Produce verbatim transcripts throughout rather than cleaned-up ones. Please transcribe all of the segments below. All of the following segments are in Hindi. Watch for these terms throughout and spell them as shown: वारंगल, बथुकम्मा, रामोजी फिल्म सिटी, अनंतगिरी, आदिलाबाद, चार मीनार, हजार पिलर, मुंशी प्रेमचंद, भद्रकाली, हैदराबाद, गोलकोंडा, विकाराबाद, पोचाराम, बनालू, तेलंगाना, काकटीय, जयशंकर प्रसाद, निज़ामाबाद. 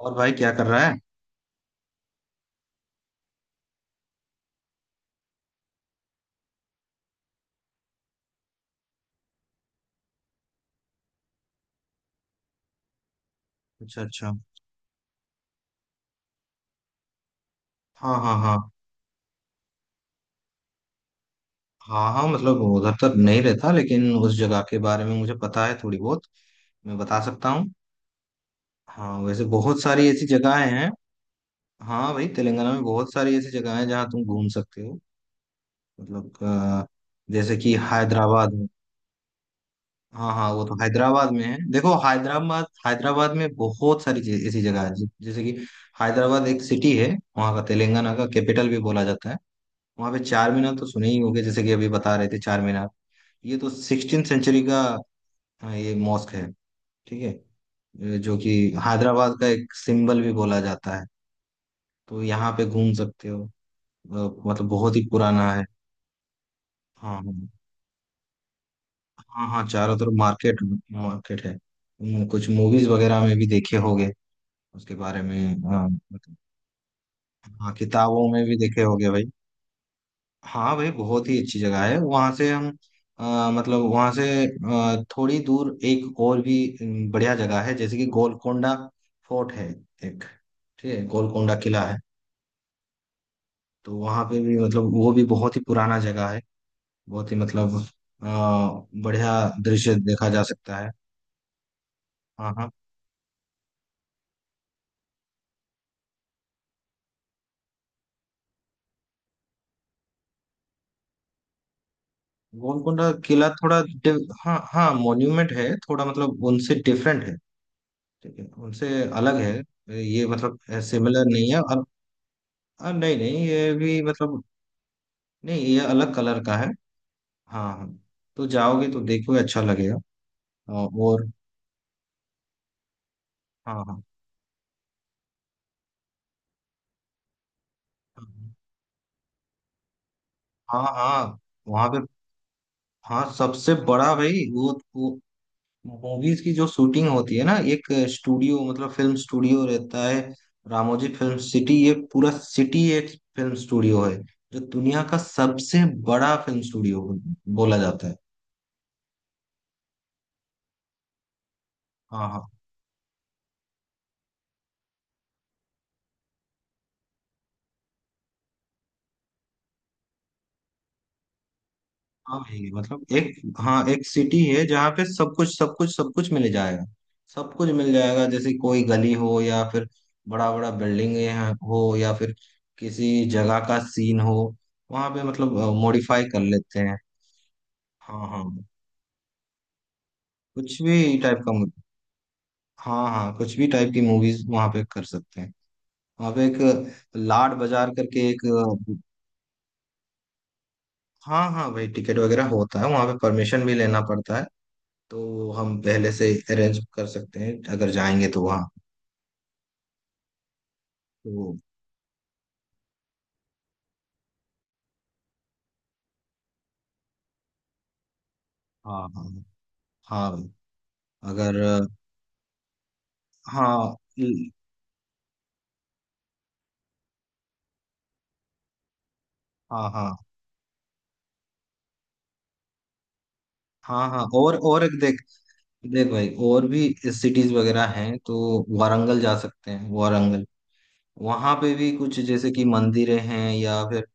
और भाई क्या कर रहा है? अच्छा, अच्छा। हाँ, हाँ, हाँ। हाँ, हाँ, मतलब उधर तक नहीं रहता, लेकिन उस जगह के बारे में मुझे पता है थोड़ी बहुत। मैं बता सकता हूँ। हाँ, वैसे बहुत सारी ऐसी जगहें हैं। हाँ भाई, तेलंगाना में बहुत सारी ऐसी जगह हैं जहाँ तुम घूम सकते हो। मतलब, अ, जैसे कि हैदराबाद में। हाँ हाँ, वो तो हैदराबाद में है। देखो, हैदराबाद हैदराबाद में बहुत सारी चीज ऐसी जगह है। जैसे कि। हैदराबाद एक सिटी है। वहाँ का तेलंगाना का कैपिटल भी बोला जाता है। वहां पे चार मीनार तो सुने ही होंगे, जैसे कि अभी बता रहे थे चार मीनार। ये तो सिक्सटीन सेंचुरी का। हाँ, ये मॉस्क है। ठीक है। ये जो कि। हैदराबाद का एक सिंबल भी बोला जाता है। तो यहाँ पे घूम सकते हो। अ, मतलब बहुत ही पुराना है। हाँ, हाँ। हाँ हाँ, चारों तरफ मार्केट। मार्केट है। हम्म, कुछ मूवीज वगैरह में भी देखे होंगे। उसके बारे में, हाँ मतलब- हाँ, किताबों में भी देखे होंगे भाई। हाँ भाई, बहुत ही अच्छी जगह है। वहां से हम। अ, मतलब वहां से अ, थोड़ी दूर एक और भी। अम, बढ़िया जगह है जैसे कि गोलकोंडा। फोर्ट है। एक। ठीक है, गोलकोंडा किला है। तो वहां पे भी मतलब वो भी बहुत ही पुराना जगह है। बहुत ही मतलब। अ, बढ़िया दृश्य देखा जा सकता है। हाँ, हाँ। गोलकोंडा किला थोड़ा डि- हाँ हाँ, मॉन्यूमेंट है, थोड़ा मतलब उनसे डिफरेंट है। ठीक है, उनसे। अलग है ये, मतलब। सिमिलर नहीं है। और। हाँ, नहीं नहीं ये भी, मतलब। नहीं, ये अलग कलर का है। हाँ, हाँ। तो जाओगे तो देखोगे, अच्छा लगेगा। हाँ, और। हाँ, हाँ, हाँ, हाँ। वहाँ पे। हाँ, सबसे बड़ा भाई वो वो। मूवीज की जो शूटिंग होती है ना, एक। स्टूडियो मतलब फिल्म स्टूडियो रहता है। रामोजी फिल्म सिटी, ये पूरा सिटी एक। फिल्म स्टूडियो है। जो दुनिया का सबसे। बड़ा फिल्म स्टूडियो। बोला जाता है। हाँ, हाँ। हाँ भाई, मतलब एक। हाँ, एक सिटी है जहाँ पे सब कुछ, सब कुछ, सब कुछ मिल जाएगा। सब कुछ मिल जाएगा, जैसे कोई गली हो या फिर। बड़ा बड़ा बिल्डिंग। हो या फिर। किसी जगह का सीन हो। वहाँ पे मतलब। मॉडिफाई कर लेते हैं। हाँ हाँ, कुछ भी टाइप का मु- हाँ हाँ, कुछ भी टाइप की मूवीज वहाँ पे कर सकते हैं। वहाँ पे एक। लाड बाजार करके एक। हाँ हाँ भाई, टिकट वगैरह होता है, वहाँ पे परमिशन भी लेना पड़ता है। तो वो हम पहले से अरेंज कर सकते हैं अगर जाएंगे तो, वहाँ। तो। हाँ, हाँ। हाँ भाई। अगर। हाँ ल- हाँ, हाँ। हाँ, हाँ। और और एक देख। देख भाई, और भी। सिटीज वगैरह हैं तो। वारंगल जा सकते हैं, वारंगल। वहाँ पे भी कुछ, जैसे कि मंदिरें हैं, या फिर।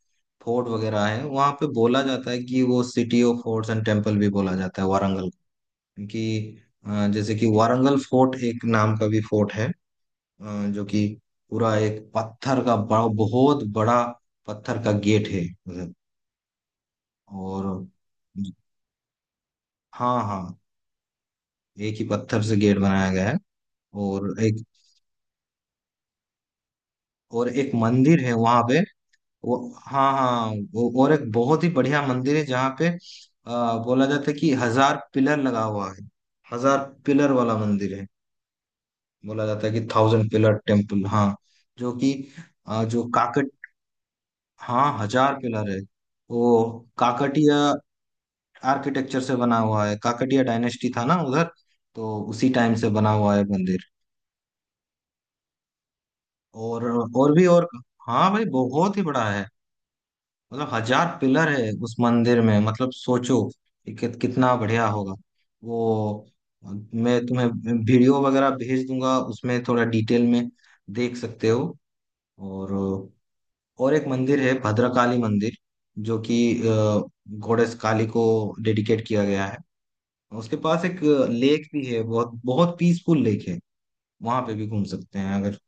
फोर्ट वगैरह है। वहाँ पे बोला जाता है कि वो city of forts and temple भी बोला जाता है वारंगल को। क्योंकि। अ, जैसे कि वारंगल फोर्ट एक नाम का भी फोर्ट है। अ, जो कि। पूरा एक पत्थर का, बड़ा बहुत बड़ा। पत्थर का गेट है। उधर। और। हाँ, हाँ। एक ही पत्थर से गेट बनाया गया है। और एक। और एक मंदिर है वहां पे। वो। हाँ हाँ, वो और एक बहुत ही बढ़िया मंदिर है जहाँ पे। आ, बोला जाता है कि हजार पिलर लगा हुआ है। हजार पिलर वाला मंदिर है। बोला जाता है कि थाउजेंड पिलर टेम्पल, हाँ। जो कि। अ, जो काकट हाँ हजार पिलर है। वो काकटीय। आर्किटेक्चर से बना हुआ है, काकटिया डायनेस्टी था ना उधर। तो उसी टाइम से बना हुआ है मंदिर। और। और भी और। हाँ भाई, बहुत ही बड़ा है। मतलब हजार पिलर है उस मंदिर में, मतलब सोचो कि कि- कितना बढ़िया होगा। वो। मैं तुम्हें वीडियो वगैरह भेज दूंगा, उसमें थोड़ा डिटेल में। देख सकते हो। और। और एक मंदिर है, भद्रकाली मंदिर। जो कि। अ, गोडेस काली को। डेडिकेट किया गया है। उसके पास एक। लेक भी है, बहुत बहुत पीसफुल लेक है। वहां पे भी घूम सकते हैं अगर।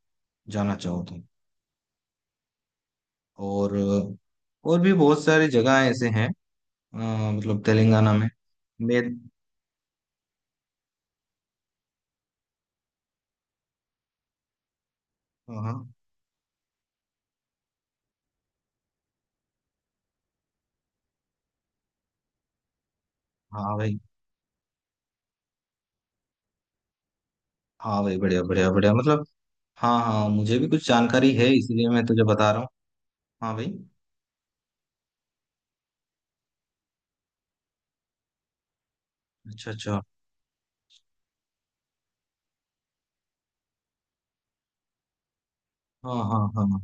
जाना चाहो तो। और। और भी बहुत सारी जगह ऐसे हैं। अ, मतलब तेलंगाना में। मैं। हाँ, हाँ। भाई। हाँ भाई, बढ़िया बढ़िया बढ़िया, मतलब। हाँ हाँ, मुझे भी कुछ जानकारी है इसीलिए मैं तुझे बता रहा हूँ। हाँ भाई। अच्छा, अच्छा। हाँ, हाँ, हाँ, हाँ।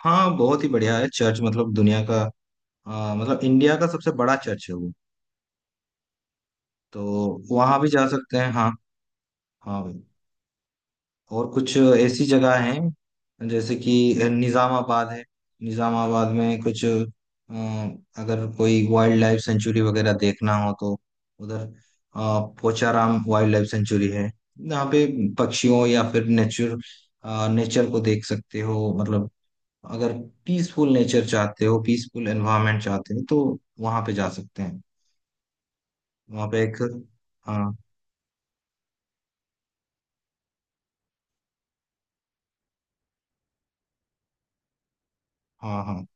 हाँ, बहुत ही बढ़िया है चर्च, मतलब दुनिया का। अ, मतलब इंडिया का सबसे बड़ा चर्च है वो। तो। वहां भी जा सकते हैं, हाँ। हाँ भाई। और कुछ ऐसी जगह हैं जैसे कि। निज़ामाबाद है। निज़ामाबाद में कुछ, अ, अगर कोई वाइल्ड लाइफ सेंचुरी वगैरह देखना हो तो। उधर। अ, पोचाराम वाइल्ड लाइफ सेंचुरी है। यहाँ पे। पक्षियों या फिर नेचर। नेचर को देख सकते हो, मतलब। अगर। पीसफुल नेचर चाहते हो, पीसफुल एनवायरनमेंट चाहते हो तो। वहाँ पे जा सकते हैं। वहाँ पे एक। हाँ, हाँ, हाँ।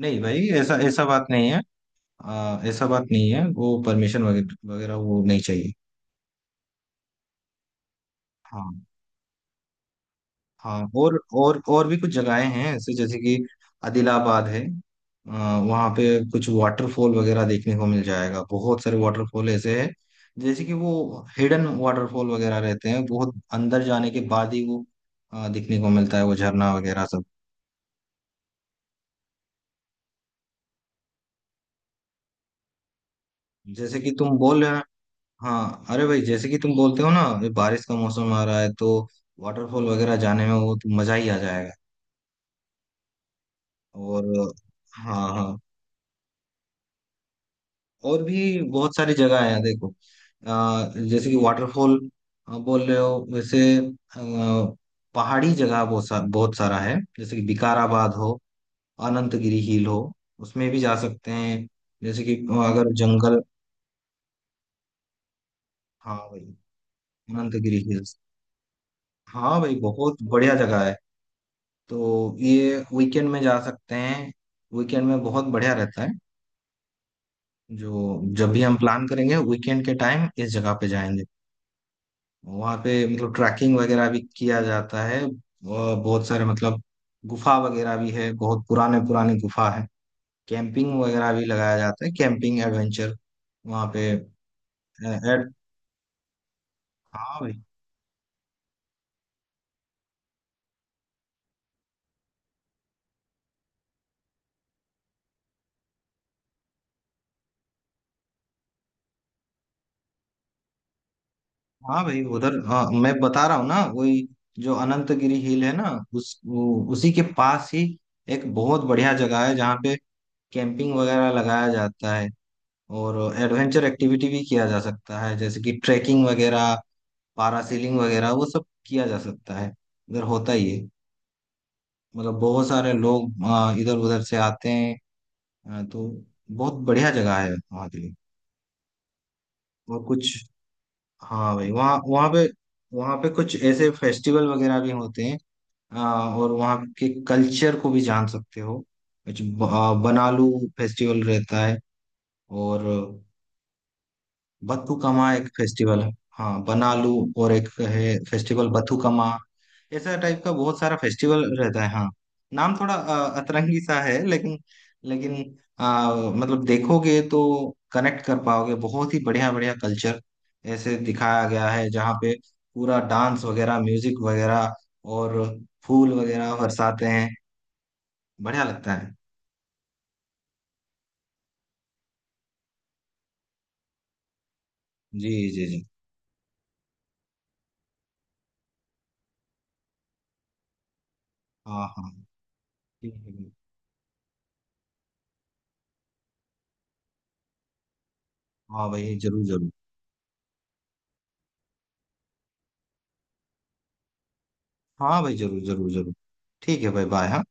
नहीं भाई, ऐसा ऐसा बात नहीं है। आ, ऐसा बात नहीं है, वो परमिशन वगैरह वगैरह वो नहीं चाहिए। हाँ। हाँ और और और भी कुछ जगहें हैं ऐसे, जैसे कि। आदिलाबाद है। आ, वहाँ पे। कुछ वाटरफॉल वगैरह देखने को मिल जाएगा, बहुत सारे वाटरफॉल ऐसे हैं। जैसे कि वो हिडन वाटरफॉल वगैरह रहते हैं, बहुत अंदर जाने के बाद ही वो। आ, दिखने को मिलता है वो झरना वगैरह सब। जैसे कि तुम बोल रहे हो। हाँ अरे भाई, जैसे कि तुम बोलते हो ना, ये बारिश का मौसम आ रहा है तो। वाटरफॉल वगैरह जाने में वो तो मजा ही आ जाएगा। और। हाँ, हाँ। और भी बहुत सारी जगह है, देखो। अ, जैसे कि वाटरफॉल। बोल रहे हो वैसे, अ, पहाड़ी जगह बहुत सा, बहुत सारा है, जैसे कि विकाराबाद हो। अनंतगिरी हिल हो। उसमें भी जा सकते हैं। जैसे कि अ, अगर जंगल। हाँ भाई। अनंतगिरी हिल्स। हाँ भाई, बहुत बढ़िया जगह है। तो ये वीकेंड में जा सकते हैं। वीकेंड में बहुत बढ़िया रहता है। जो जब भी हम प्लान करेंगे वीकेंड के टाइम इस जगह पे जाएंगे। वहाँ पे मतलब ट्रैकिंग वगैरह भी किया जाता है और बहुत सारे, मतलब। गुफा वगैरह भी है, बहुत पुराने पुराने गुफा है। कैंपिंग वगैरह भी लगाया जाता है, कैंपिंग एडवेंचर। वहाँ पे। एड हाँ भाई। हाँ भाई उधर, हाँ, मैं बता रहा हूँ ना वही। जो अनंतगिरी हिल है ना। उस वो, उसी के पास ही। एक बहुत बढ़िया जगह है जहाँ पे। कैंपिंग वगैरह लगाया जाता है। और। एडवेंचर एक्टिविटी भी किया जा सकता है, जैसे कि ट्रैकिंग वगैरह। पारासीलिंग वगैरह, वो सब किया जा सकता है। इधर होता ही है। मतलब बहुत सारे लोग आ, इधर उधर से आते हैं। अ, तो। बहुत बढ़िया जगह है वहाँ के लिए। और कुछ। हाँ भाई, वहाँ वहाँ पे। वहाँ पे कुछ ऐसे फेस्टिवल वगैरह भी होते हैं। अ, और वहाँ के कल्चर को भी जान सकते हो, कुछ ब- अ, बनालू। फेस्टिवल रहता है। और। बथुकम्मा एक फेस्टिवल है। हाँ, बनालू। और एक है फेस्टिवल बथुकम्मा। ऐसा टाइप का बहुत सारा फेस्टिवल रहता है, हाँ। नाम थोड़ा अ, अतरंगी सा है लेकिन। लेकिन। अ, मतलब देखोगे तो। कनेक्ट कर पाओगे, बहुत ही बढ़िया बढ़िया कल्चर। ऐसे दिखाया गया है जहाँ पे। पूरा डांस वगैरह, म्यूजिक वगैरह। और। फूल वगैरह बरसाते हैं। बढ़िया लगता है। जी, जी, जी। हाँ, हाँ। ठीक है। हाँ भाई, जरूर, जरूर। हाँ भाई, जरूर, जरूर, जरूर। ठीक है भाई, बाय, हाँ।